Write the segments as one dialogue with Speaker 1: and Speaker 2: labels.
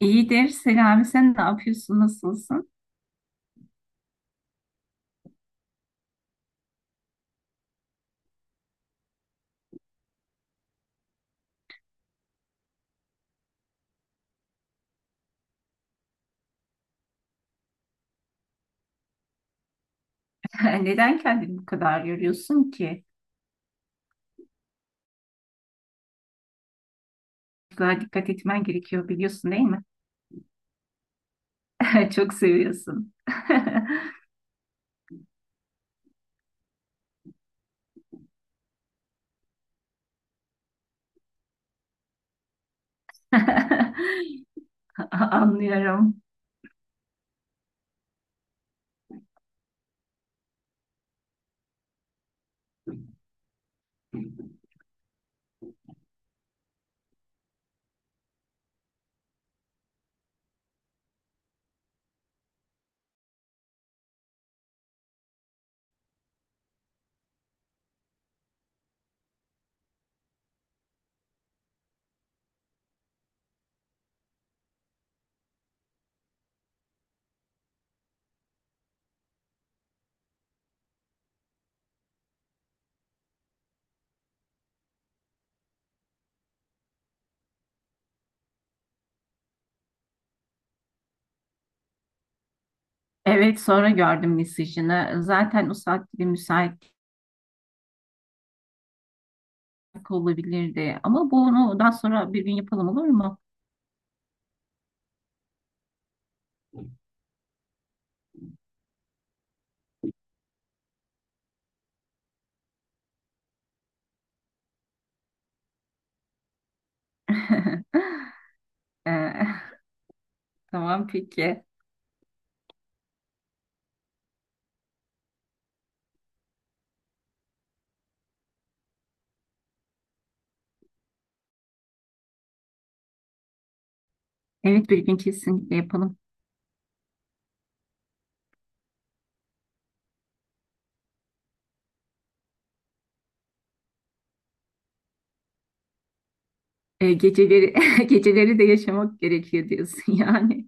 Speaker 1: İyidir. Selami sen ne yapıyorsun? Nasılsın? Neden kendini bu kadar yoruyorsun ki? Daha dikkat etmen gerekiyor biliyorsun değil mi? Çok seviyorsun. Anlıyorum. Evet, sonra gördüm mesajını. Zaten o saatte bir müsaitlik olabilirdi. Ama bunu daha sonra bir gün yapalım olur mu? Ee, tamam peki. Evet bir gün kesinlikle yapalım. Geceleri geceleri de yaşamak gerekiyor diyorsun yani.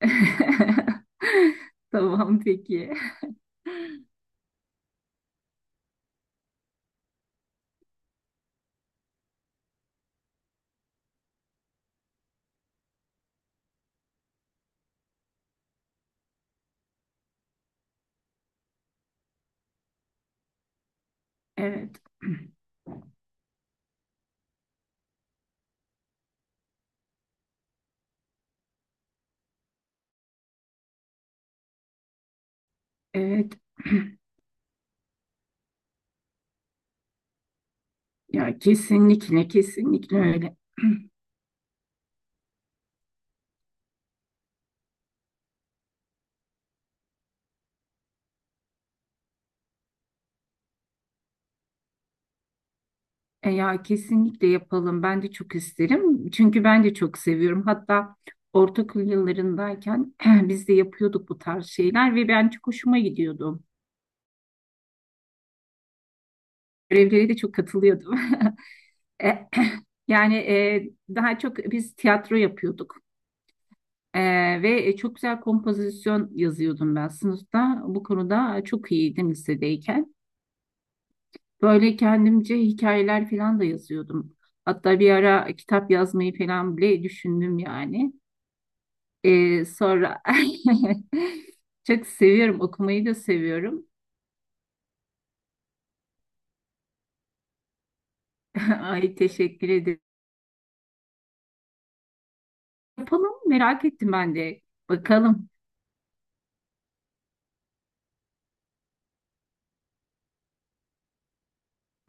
Speaker 1: Tamam peki. Evet. Evet. Ya kesinlikle kesinlikle öyle. E ya kesinlikle yapalım. Ben de çok isterim. Çünkü ben de çok seviyorum. Hatta ortaokul yıllarındayken biz de yapıyorduk bu tarz şeyler ve ben çok hoşuma gidiyordum. Görevlere de çok katılıyordum. Yani daha çok biz tiyatro yapıyorduk. E, ve çok güzel kompozisyon yazıyordum ben sınıfta. Bu konuda çok iyiydim lisedeyken. Böyle kendimce hikayeler falan da yazıyordum. Hatta bir ara kitap yazmayı falan bile düşündüm yani. Sonra çok seviyorum, okumayı da seviyorum. Ay teşekkür ederim. Yapalım, merak ettim ben de. Bakalım.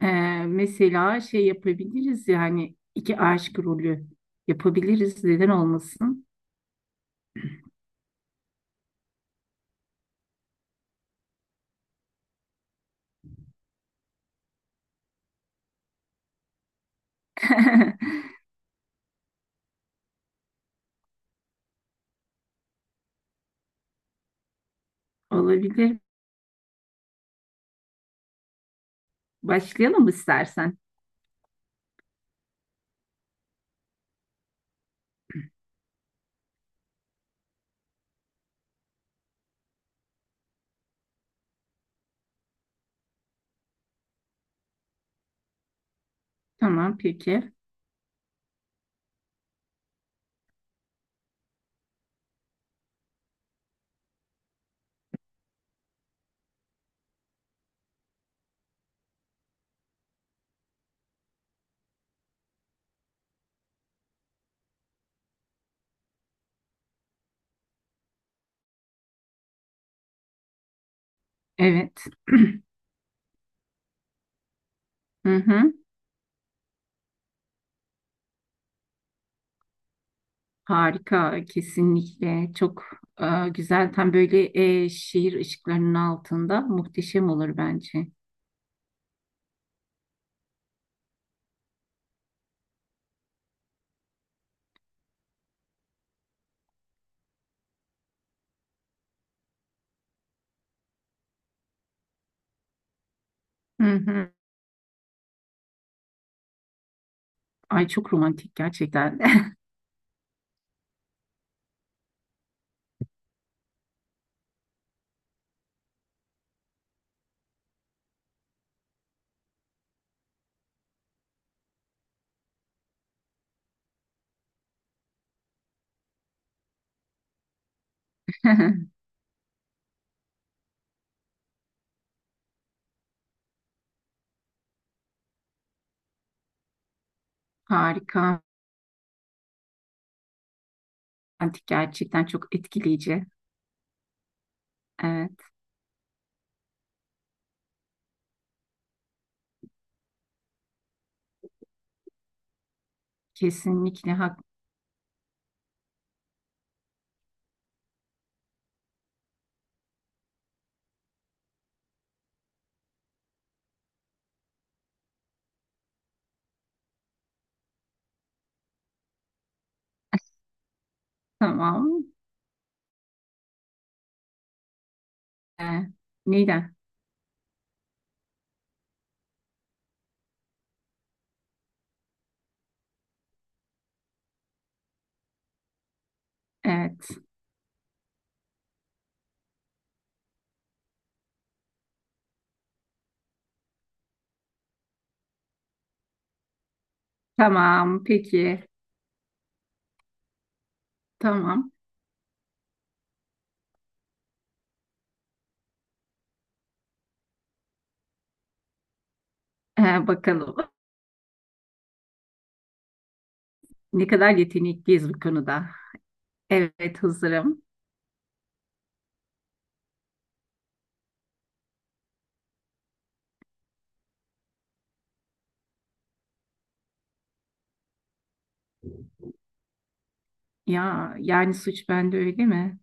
Speaker 1: Ee, mesela şey yapabiliriz yani iki aşk rolü yapabiliriz neden olmasın? Olabilir. Başlayalım istersen. Tamam peki. Evet. Hı hı. Harika, kesinlikle çok güzel, tam böyle şehir ışıklarının altında muhteşem olur bence. Hı hı. Ay çok romantik gerçekten. Harika, romantik gerçekten, çok etkileyici. Evet, kesinlikle hak. Tamam. Ee, Neden? Evet. Tamam, peki. Tamam. Bakalım. Ne kadar yetenekliyiz bu konuda. Evet, hazırım. Ya, yani suç bende öyle mi?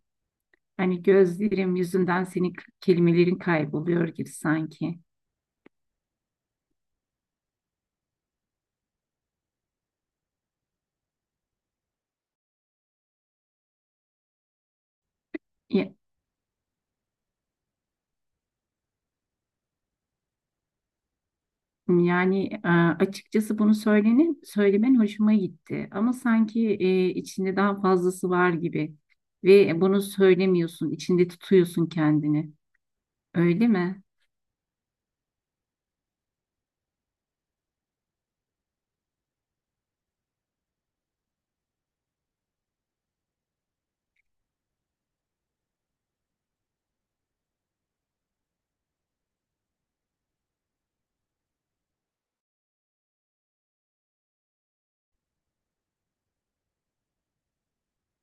Speaker 1: Hani gözlerim yüzünden senin kelimelerin kayboluyor gibi sanki. Ya- Yani açıkçası bunu söylemen hoşuma gitti. Ama sanki içinde daha fazlası var gibi. Ve bunu söylemiyorsun, içinde tutuyorsun kendini. Öyle mi?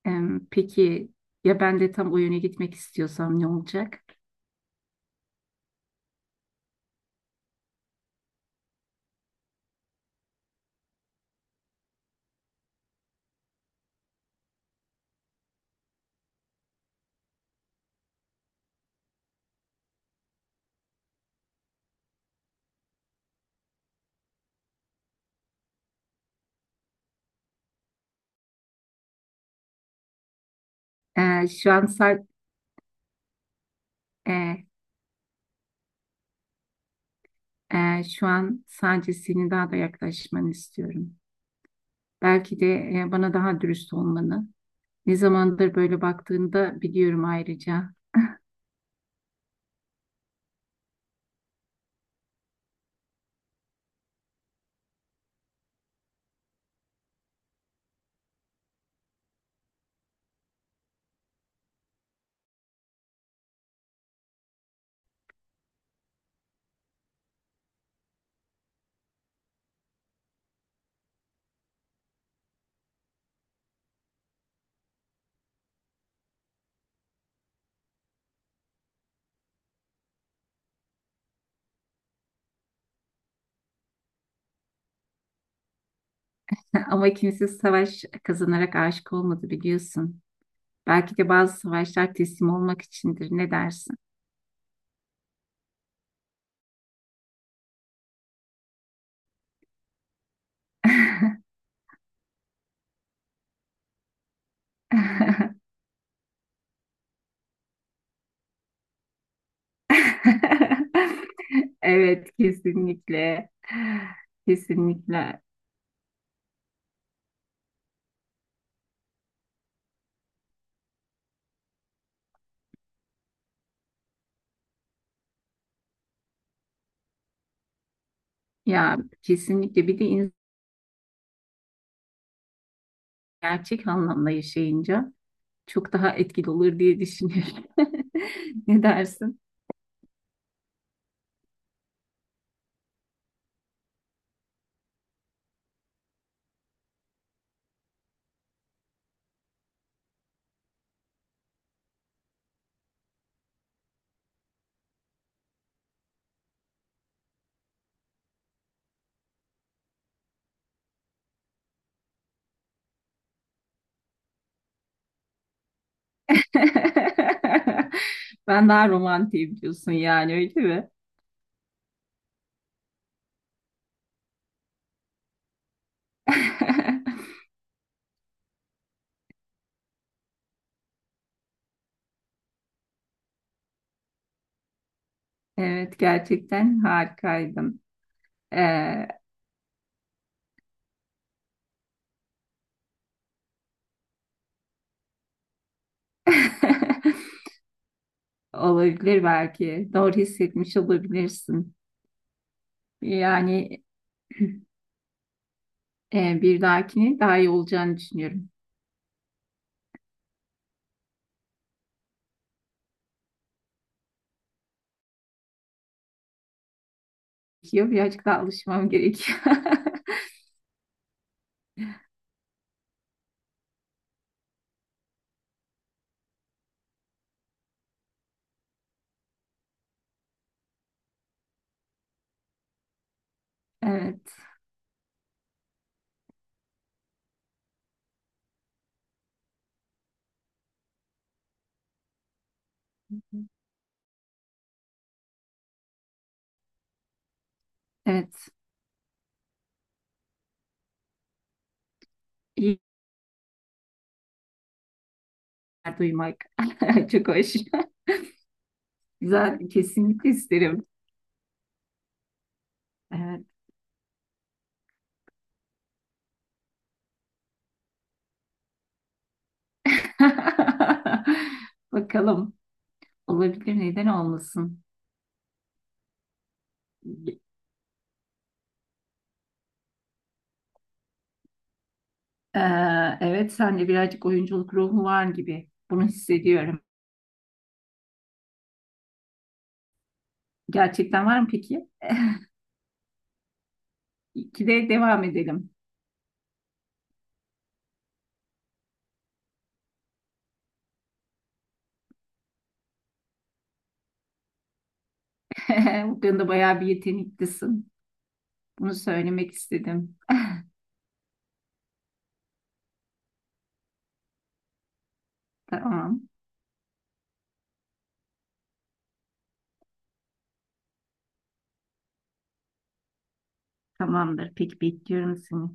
Speaker 1: Em, peki ya ben de tam o yöne gitmek istiyorsam ne olacak? E, şu an sa- e, e, şu an sadece senin daha da yaklaşmanı istiyorum. Belki de bana daha dürüst olmanı. Ne zamandır böyle baktığını da biliyorum ayrıca. Ama kimse savaş kazanarak aşık olmadı biliyorsun. Belki de bazı savaşlar teslim olmak içindir. Ne dersin? Evet, kesinlikle. Kesinlikle. Ya kesinlikle, bir de insan gerçek anlamda yaşayınca çok daha etkili olur diye düşünüyorum. Ne dersin? Ben daha romantiyim diyorsun yani öyle mi? Evet, gerçekten harikaydım. Ee, olabilir belki. Doğru hissetmiş olabilirsin. Yani bir dahakine daha iyi olacağını düşünüyorum. Yok, birazcık daha alışmam gerekiyor. Evet. Evet. İyi günler duymak. Çok hoş. Güzel, kesinlikle isterim. Evet. Bakalım. Olabilir, neden olmasın? Ee, evet, sende birazcık oyunculuk ruhu var gibi. Bunu hissediyorum. Gerçekten var mı peki? İkide devam edelim. Bu konuda bayağı bir yeteneklisin. Bunu söylemek istedim. Tamam. Tamamdır. Peki bekliyorum seni.